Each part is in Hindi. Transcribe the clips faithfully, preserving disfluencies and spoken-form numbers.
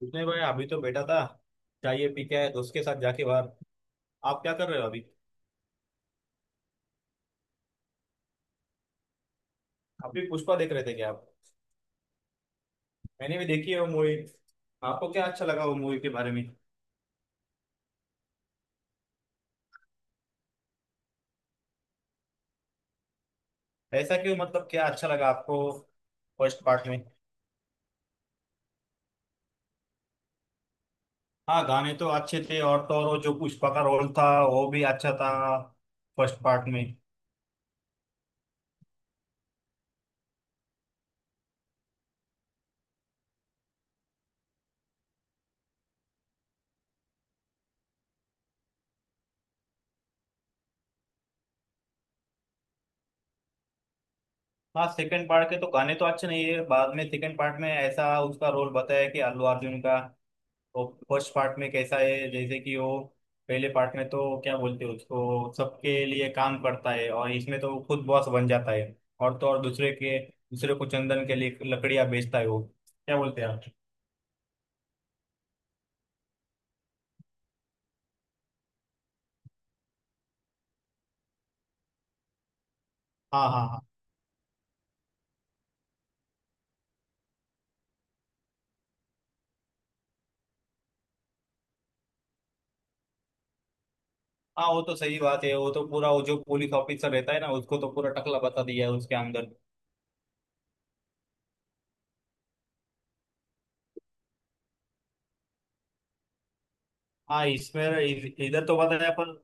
कुछ नहीं भाई, अभी तो बैठा था। चाय पी के आया दोस्त के साथ जाके बाहर। आप क्या कर रहे हो अभी? आप भी पुष्पा देख रहे थे क्या आप? मैंने भी देखी है वो मूवी। आपको क्या अच्छा लगा वो मूवी के बारे में? ऐसा क्यों? मतलब क्या अच्छा लगा आपको फर्स्ट पार्ट में? हाँ, गाने तो अच्छे थे, और तो और वो जो पुष्पा का रोल था वो भी अच्छा था फर्स्ट पार्ट में। हाँ, सेकंड पार्ट के तो गाने तो अच्छे नहीं है। बाद में सेकंड पार्ट में ऐसा उसका रोल बताया कि अल्लू अर्जुन का, वो फर्स्ट पार्ट में कैसा है, जैसे कि वो पहले पार्ट में तो क्या बोलते हैं, उसको सबके लिए काम करता है, और इसमें तो वो खुद बॉस बन जाता है। और तो और दूसरे के दूसरे को चंदन के लिए लकड़ियां बेचता है वो। क्या बोलते हैं आप? हाँ, हाँ, हाँ, हाँ, वो तो सही बात है। वो तो पूरा वो जो पुलिस ऑफिसर रहता है ना, उसको तो पूरा टकला बता दिया है उसके अंदर। हाँ, इसमें इध- इधर तो बताया, पर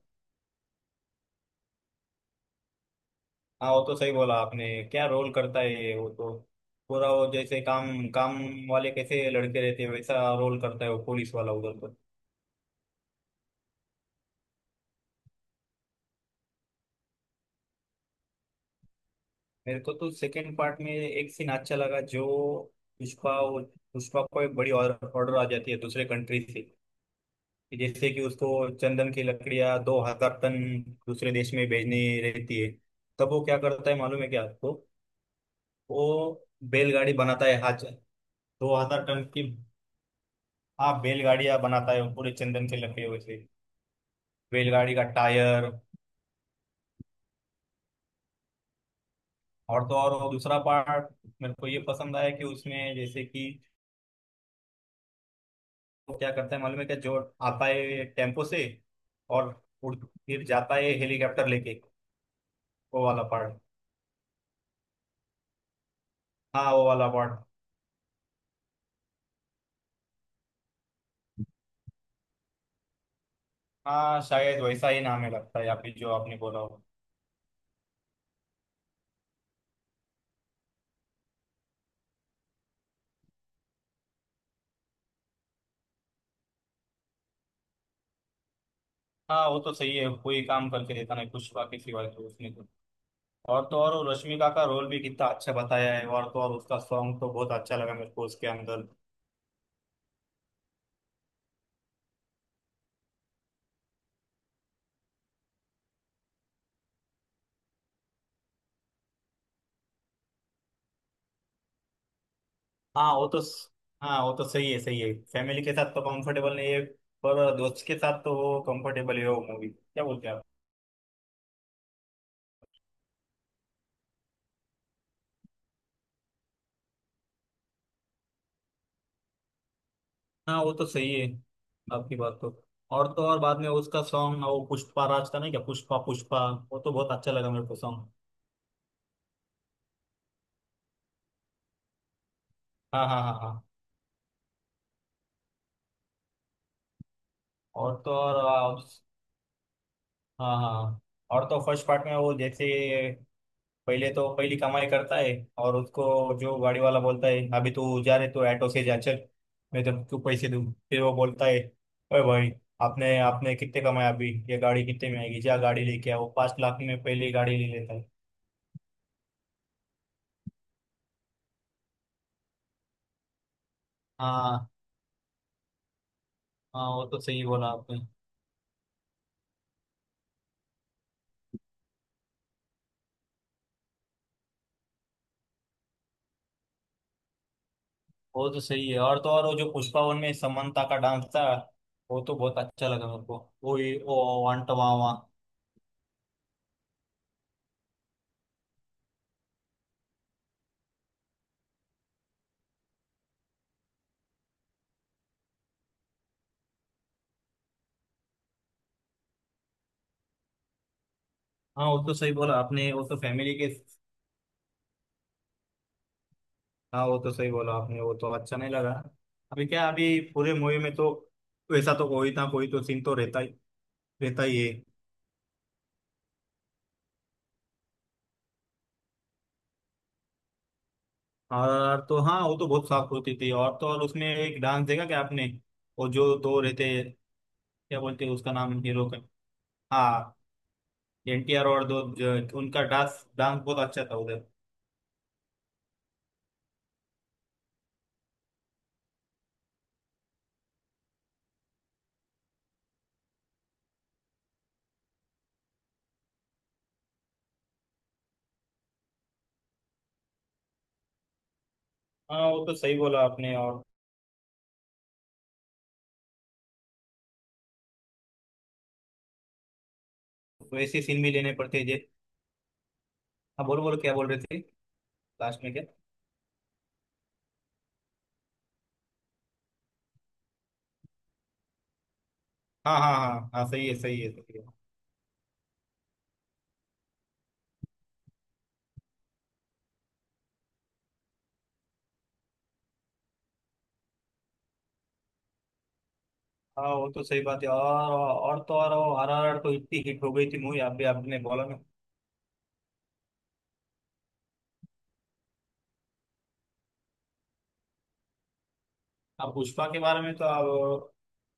हाँ, वो तो सही बोला आपने। क्या रोल करता है ये, वो तो पूरा वो जैसे काम काम वाले कैसे लड़के रहते हैं वैसा रोल करता है वो पुलिस वाला उधर तो। मेरे को तो सेकंड पार्ट में एक सीन अच्छा लगा, जो पुष्पा पुष्पा को एक बड़ी ऑर्डर आ जाती है दूसरे कंट्री से, कि जैसे कि उसको चंदन की लकड़ियां दो हज़ार टन दूसरे देश में भेजनी रहती है। तब वो क्या करता है मालूम है क्या आपको? वो बैलगाड़ी बनाता है हाथ, दो हज़ार टन की। हाँ, बैलगाड़ियां बनाता है वो पूरे चंदन के लकड़ियों से, बैलगाड़ी का टायर। और तो और वो दूसरा पार्ट, मेरे को ये पसंद आया कि उसमें जैसे कि वो क्या करता है मालूम है क्या, जो आता है टेम्पो से और उड़ फिर जाता है हेलीकॉप्टर लेके, वो वाला पार्ट। हाँ, वो वाला पार्ट। हाँ, शायद वैसा ही नाम है लगता है, या फिर जो आपने बोला हो। हाँ, वो तो सही है, कोई काम करके देता नहीं पुष्पा के सिवाय, तो उसने तो और तो और वो रश्मिका का रोल भी कितना अच्छा बताया है, और तो और उसका सॉन्ग तो बहुत अच्छा लगा मेरे को उसके अंदर। हाँ, वो तो हाँ, वो तो सही है सही है, फैमिली के साथ तो कंफर्टेबल नहीं है, पर दोस्त के साथ तो वो कंफर्टेबल है वो मूवी। क्या बोलते हैं आप? हाँ, वो तो सही है आपकी बात तो। और तो और बाद में उसका सॉन्ग, वो पुष्पा राज का नहीं क्या, पुष्पा पुष्पा, वो तो बहुत अच्छा लगा मेरे को सॉन्ग। हाँ, हाँ, हाँ, हाँ। और तो और आ, उस- हाँ, हाँ, हाँ। और तो फर्स्ट पार्ट में वो जैसे पहले तो पहली कमाई करता है, और उसको जो गाड़ी वाला बोलता है, अभी तू जा रहे तो ऑटो से जा, चल मैं तेरे को पैसे दूँ। फिर वो बोलता है ओए भाई, आपने आपने कितने कमाए अभी? ये गाड़ी कितने में आएगी? जा गाड़ी लेके आओ। पाँच लाख में पहली गाड़ी ले लेता है। हाँ, हाँ, वो तो सही बोला आपने। वो तो सही है, और तो और वो जो पुष्पा वन में समंता का डांस था, वो तो बहुत अच्छा लगा मेरे को, वो ये ओ वांटवावा। हाँ, वो तो सही बोला आपने वो तो फैमिली के। हाँ, वो तो सही बोला आपने, वो तो अच्छा नहीं लगा। अभी क्या, अभी पूरे मूवी में तो वैसा तो कोई ना कोई तो सीन तो रहता ही रहता ही है। और तो हाँ, वो तो बहुत साफ होती थी, और तो और उसमें एक डांस देखा क्या आपने, वो जो दो रहते हैं, क्या बोलते हैं उसका नाम हीरो का? हाँ। एन टी आर और दो जो- उनका डांस डांस बहुत अच्छा था उधर। हाँ, वो तो सही बोला आपने, और वैसे सीन भी लेने पड़ते हैं जे। हाँ, बोलो बोलो क्या बोल रहे थे, लास्ट में क्या? हाँ, हाँ, हाँ, हाँ, सही है, सही है, सही है। हाँ, वो तो सही बात है, और और तो और वो आर आर आर तो इतनी हिट हो गई थी मूवी, आप भी आपने बोला ना। अब पुष्पा के बारे में तो आप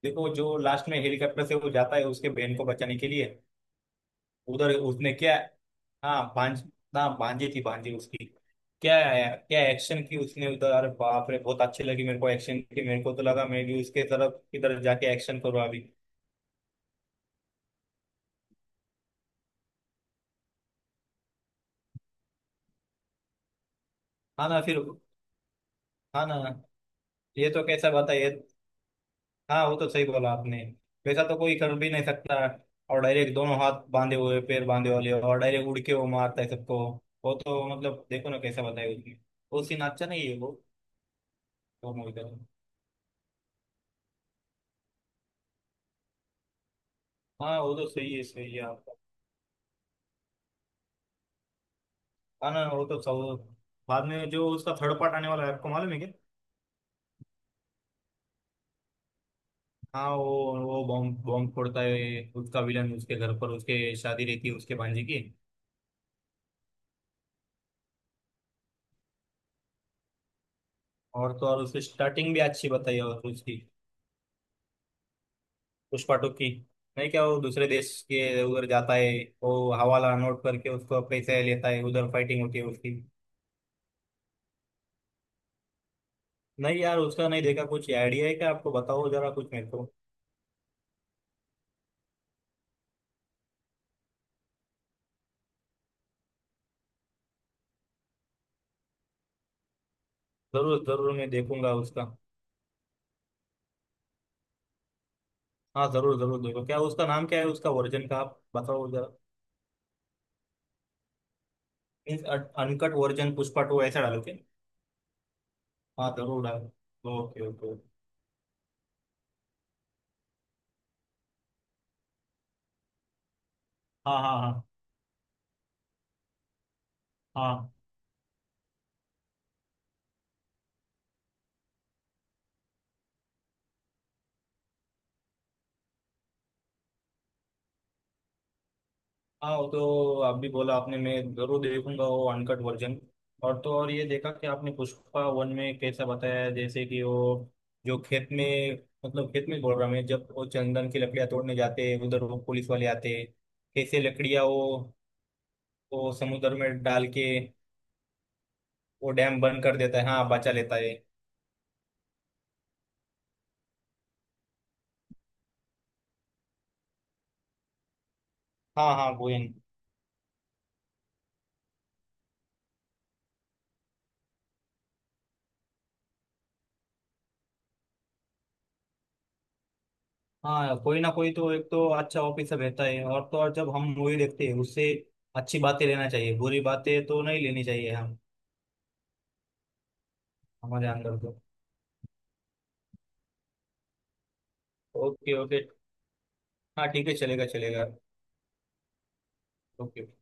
देखो, जो लास्ट में हेलीकॉप्टर से वो जाता है उसके बहन को बचाने के लिए, उधर उसने क्या हाँ भांज ना, भांजी थी, भांजी उसकी। क्या, क्या एक्शन की उसने उधर, अरे बाप रे, बहुत अच्छी लगी मेरे को एक्शन की। मेरे को तो लगा मैं भी उसके तरफ इधर जाके एक्शन करूँ अभी। हाँ ना फिर, हाँ ना, ये तो कैसा बता ये। हाँ, वो तो सही बोला आपने, वैसा तो कोई कर भी नहीं सकता। और डायरेक्ट दोनों हाथ बांधे हुए पैर बांधे वाले, और डायरेक्ट उड़ के वो मारता है सबको। वो तो मतलब देखो ना कैसा बताया उसने, वो सीन अच्छा नहीं है वो वो मूवी का। हाँ, वो तो सही है सही है आपका। हाँ ना, वो तो सब, बाद में जो उसका थर्ड पार्ट आने वाला है आपको मालूम है क्या? हाँ वो वो बॉम्ब बॉम्ब फोड़ता है उसका विलन उसके घर पर, उसके शादी रहती है उसके भांजे की। और तो और उसकी स्टार्टिंग भी अच्छी बताई है, और उसकी पुष्पा टू की। नहीं क्या, वो दूसरे देश के उधर जाता है, वो हवाला नोट करके उसको पैसे लेता है, उधर फाइटिंग होती है उसकी। नहीं यार, उसका नहीं देखा। कुछ आइडिया है क्या आपको, बताओ जरा कुछ मेरे को। जरूर जरूर मैं देखूंगा उसका। हाँ, जरूर जरूर देखो, क्या उसका नाम क्या है उसका वर्जन का, आप बताओ जरा। Means uncut version Pushpa two ऐसा डालो क्या? हाँ, जरूर डाल, ओके, ओके। हाँ, हाँ, हाँ, हाँ। हाँ, वो तो अभी बोला आपने, मैं जरूर देखूंगा वो अनकट वर्जन। और तो और ये देखा कि आपने पुष्पा वन में कैसा बताया है, जैसे कि वो जो खेत में, मतलब खेत में बोल रहा मैं, जब वो चंदन की लकड़ियां तोड़ने जाते हैं उधर वो पुलिस वाले आते हैं, कैसे लकड़ियां वो वो समुद्र में डाल के, वो डैम बंद कर देता है हाँ, बचा लेता है। हाँ, हाँ गोयन। हाँ, कोई ना कोई तो एक तो अच्छा ऑफिसर रहता है। और तो और जब हम मूवी देखते हैं उससे अच्छी बातें लेना चाहिए, बुरी बातें तो नहीं लेनी चाहिए हम। हमारे अंदर तो ओके, ओके। हाँ, ठीक है, चलेगा चलेगा। ओके।